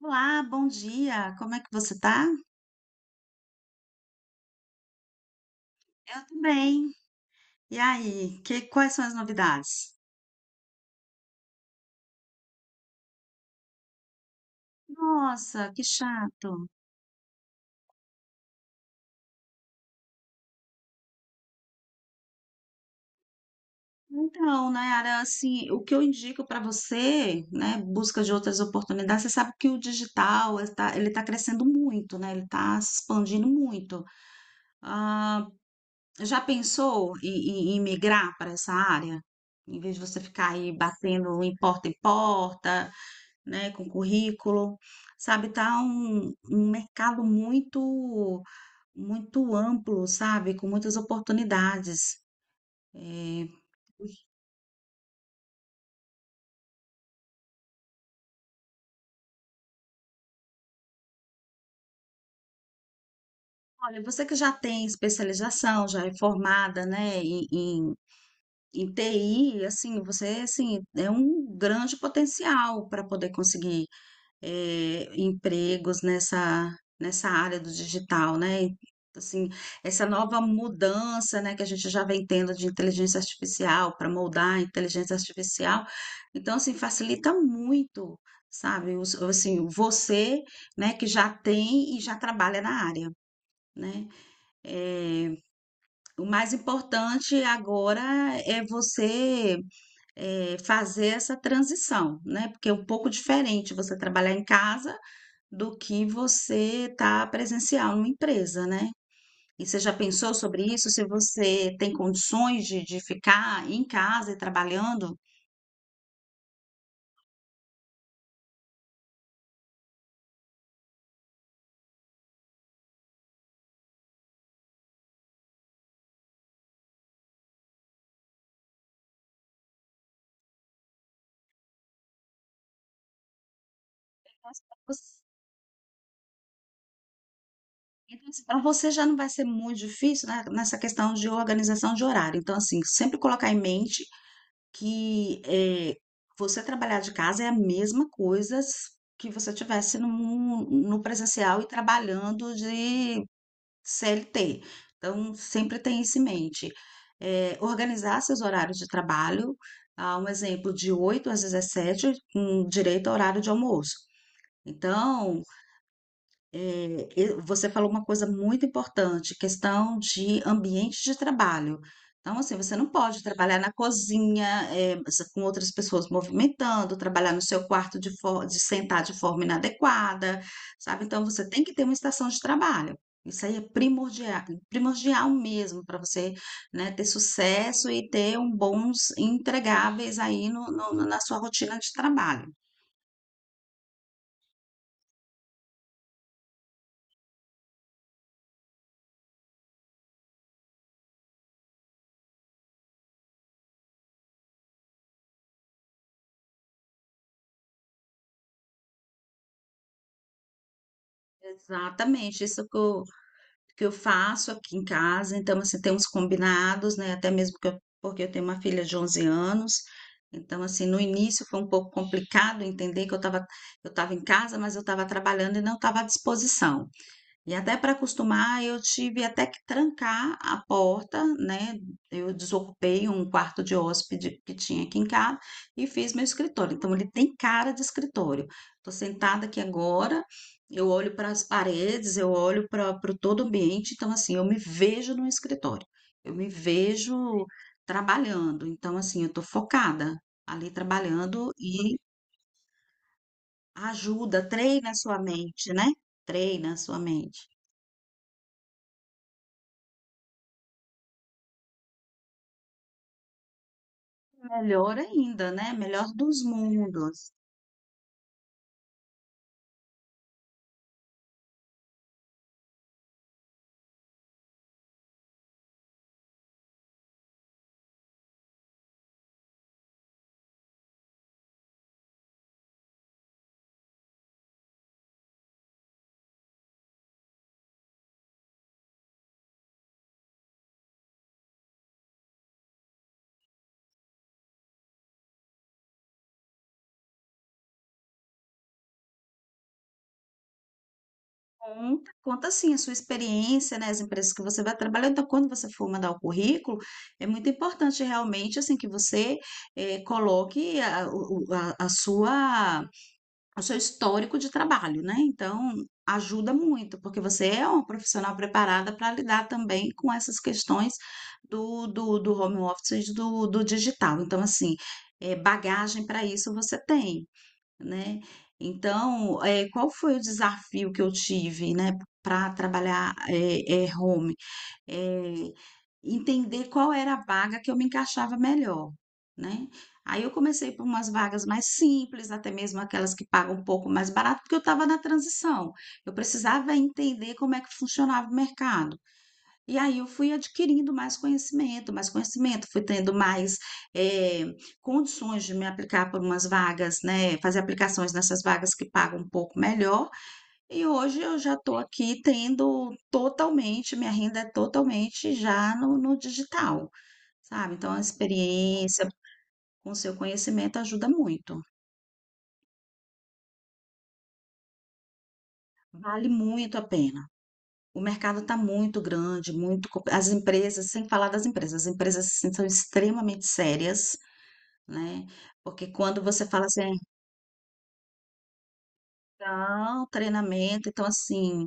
Olá, bom dia. Como é que você tá? Eu tô bem. E aí, quais são as novidades? Nossa, que chato. Então, Nayara, assim, o que eu indico para você, né, busca de outras oportunidades, você sabe que o digital está, ele está crescendo muito, né? Ele está se expandindo muito. Ah, já pensou em migrar para essa área? Em vez de você ficar aí batendo em porta, né, com currículo, sabe, tá um mercado muito, muito amplo, sabe, com muitas oportunidades. É, olha, você que já tem especialização, já é formada, né, em TI, assim, você, assim, é um grande potencial para poder conseguir empregos nessa, nessa área do digital, né? E assim, essa nova mudança, né, que a gente já vem tendo de inteligência artificial para moldar a inteligência artificial. Então, assim, facilita muito, sabe? Assim, você, né, que já tem e já trabalha na área, né? Eh, o mais importante agora é você fazer essa transição, né? Porque é um pouco diferente você trabalhar em casa do que você tá presencial numa empresa, né? E você já pensou sobre isso? Se você tem condições de ficar em casa e trabalhando? Nossa, pra você- Então, assim, para você já não vai ser muito difícil, né, nessa questão de organização de horário. Então, assim, sempre colocar em mente que você trabalhar de casa é a mesma coisa que você tivesse no, no presencial e trabalhando de CLT. Então, sempre tem isso em mente. Organizar seus horários de trabalho, ah, um exemplo de 8 às 17 com direito ao horário de almoço. Então, é, e você falou uma coisa muito importante, questão de ambiente de trabalho. Então, assim, você não pode trabalhar na cozinha, é, com outras pessoas movimentando, trabalhar no seu quarto de sentar de forma inadequada, sabe? Então, você tem que ter uma estação de trabalho. Isso aí é primordial, primordial mesmo para você, né, ter sucesso e ter um bons entregáveis aí na sua rotina de trabalho. Exatamente, isso que eu faço aqui em casa, então assim, tem uns combinados, né, até mesmo porque eu tenho uma filha de 11 anos, então assim, no início foi um pouco complicado entender que eu estava em casa, mas eu estava trabalhando e não estava à disposição. E até para acostumar, eu tive até que trancar a porta, né? Eu desocupei um quarto de hóspede que tinha aqui em casa e fiz meu escritório. Então, ele tem cara de escritório. Estou sentada aqui agora, eu olho para as paredes, eu olho para o todo o ambiente. Então, assim, eu me vejo no escritório, eu me vejo trabalhando. Então, assim, eu estou focada ali trabalhando e ajuda, treina a sua mente, né? Treina a sua mente. Melhor ainda, né? Melhor dos mundos. Conta, conta assim a sua experiência, né? As empresas que você vai trabalhar. Então, quando você for mandar o currículo, é muito importante realmente assim que você coloque a sua, o seu histórico de trabalho, né? Então, ajuda muito, porque você é uma profissional preparada para lidar também com essas questões do home office e do digital. Então, assim, bagagem para isso você tem. Né? Então, qual foi o desafio que eu tive, né, para trabalhar home? Eh, Entender qual era a vaga que eu me encaixava melhor, né? Aí eu comecei por umas vagas mais simples, até mesmo aquelas que pagam um pouco mais barato, porque eu estava na transição. Eu precisava entender como é que funcionava o mercado. E aí eu fui adquirindo mais conhecimento, fui tendo mais eh, condições de me aplicar por umas vagas, né? Fazer aplicações nessas vagas que pagam um pouco melhor. E hoje eu já estou aqui tendo totalmente, minha renda é totalmente já no digital, sabe? Então a experiência com seu conhecimento ajuda muito, vale muito a pena. O mercado está muito grande, muito. As empresas, sem falar das empresas, as empresas assim, são extremamente sérias, né? Porque quando você fala assim, "Ah, então, treinamento", então assim,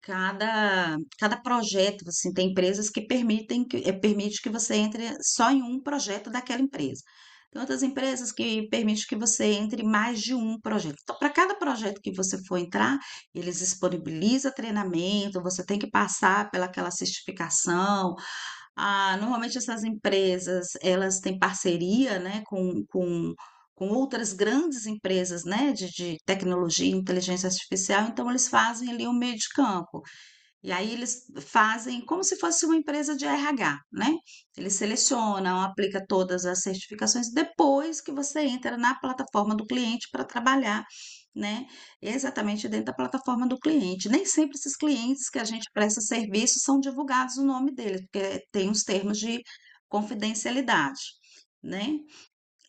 cada projeto, assim, tem empresas que permitem que permite que você entre só em um projeto daquela empresa. Tem outras empresas que permitem que você entre em mais de um projeto. Então, para cada projeto que você for entrar, eles disponibilizam treinamento, você tem que passar pelaquela certificação. Ah, normalmente essas empresas, elas têm parceria, né, com outras grandes empresas, né, de tecnologia, inteligência artificial, então eles fazem ali um meio de campo. E aí eles fazem como se fosse uma empresa de RH, né? Eles selecionam, aplicam todas as certificações depois que você entra na plataforma do cliente para trabalhar, né? Exatamente dentro da plataforma do cliente. Nem sempre esses clientes que a gente presta serviço são divulgados o nome deles, porque tem os termos de confidencialidade, né?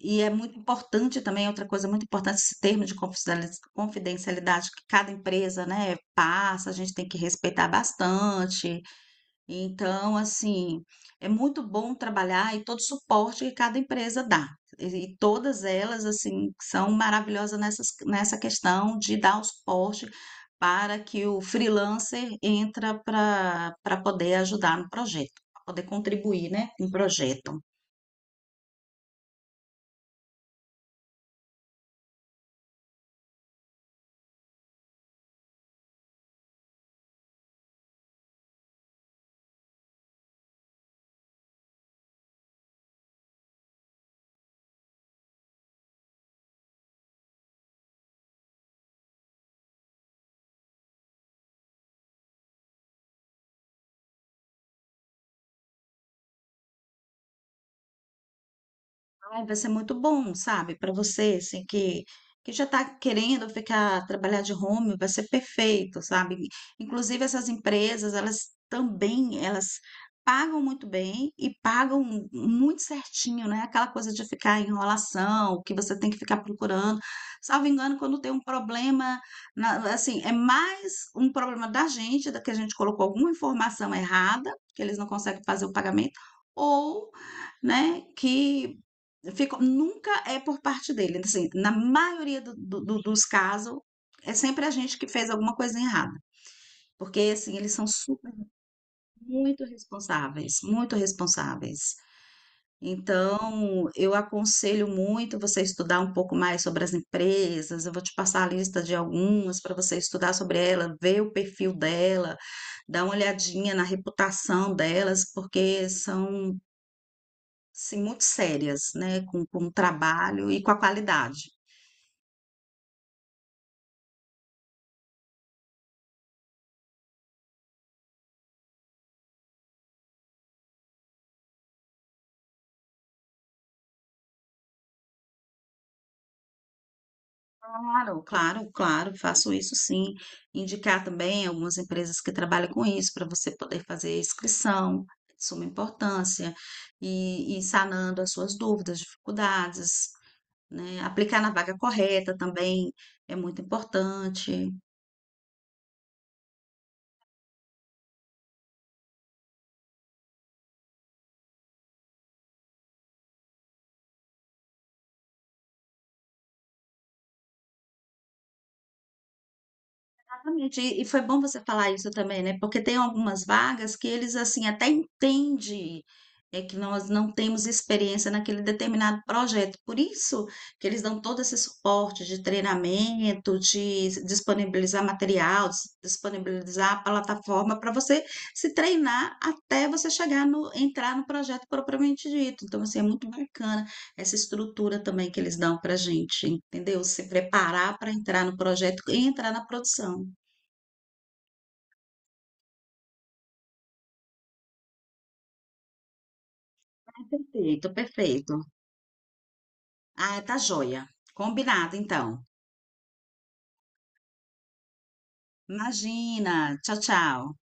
E é muito importante também, outra coisa muito importante, esse termo de confidencialidade que cada empresa, né, passa, a gente tem que respeitar bastante. Então, assim, é muito bom trabalhar e todo o suporte que cada empresa dá. E e todas elas, assim, são maravilhosas nessas, nessa questão de dar o suporte para que o freelancer entra para poder ajudar no projeto, para poder contribuir, né, com o projeto. Ai, vai ser muito bom, sabe, para você, assim, que já está querendo ficar, trabalhar de home, vai ser perfeito, sabe? Inclusive, essas empresas, elas também, elas pagam muito bem e pagam muito certinho, né? Aquela coisa de ficar em enrolação, que você tem que ficar procurando. Salvo engano, quando tem um problema, assim, é mais um problema da gente, da que a gente colocou alguma informação errada, que eles não conseguem fazer o pagamento, ou né, que ficou, nunca é por parte dele. Então, assim, na maioria dos casos, é sempre a gente que fez alguma coisa errada. Porque, assim, eles são super, muito responsáveis, muito responsáveis. Então, eu aconselho muito você estudar um pouco mais sobre as empresas. Eu vou te passar a lista de algumas para você estudar sobre ela, ver o perfil dela, dar uma olhadinha na reputação delas, porque são, sim, muito sérias, né, com o trabalho e com a qualidade. Claro, claro, claro, faço isso sim. Indicar também algumas empresas que trabalham com isso, para você poder fazer inscrição, de suma importância, e sanando as suas dúvidas, dificuldades, né. Aplicar na vaga correta também é muito importante. Exatamente. E foi bom você falar isso também, né? Porque tem algumas vagas que eles assim até entendem é que nós não temos experiência naquele determinado projeto. Por isso que eles dão todo esse suporte de treinamento, de disponibilizar material, disponibilizar a plataforma para você se treinar até você chegar no entrar no projeto propriamente dito. Então, assim, é muito bacana essa estrutura também que eles dão para a gente, entendeu? Se preparar para entrar no projeto e entrar na produção. Perfeito, perfeito. Ah, tá joia. Combinado, então. Imagina. Tchau, tchau.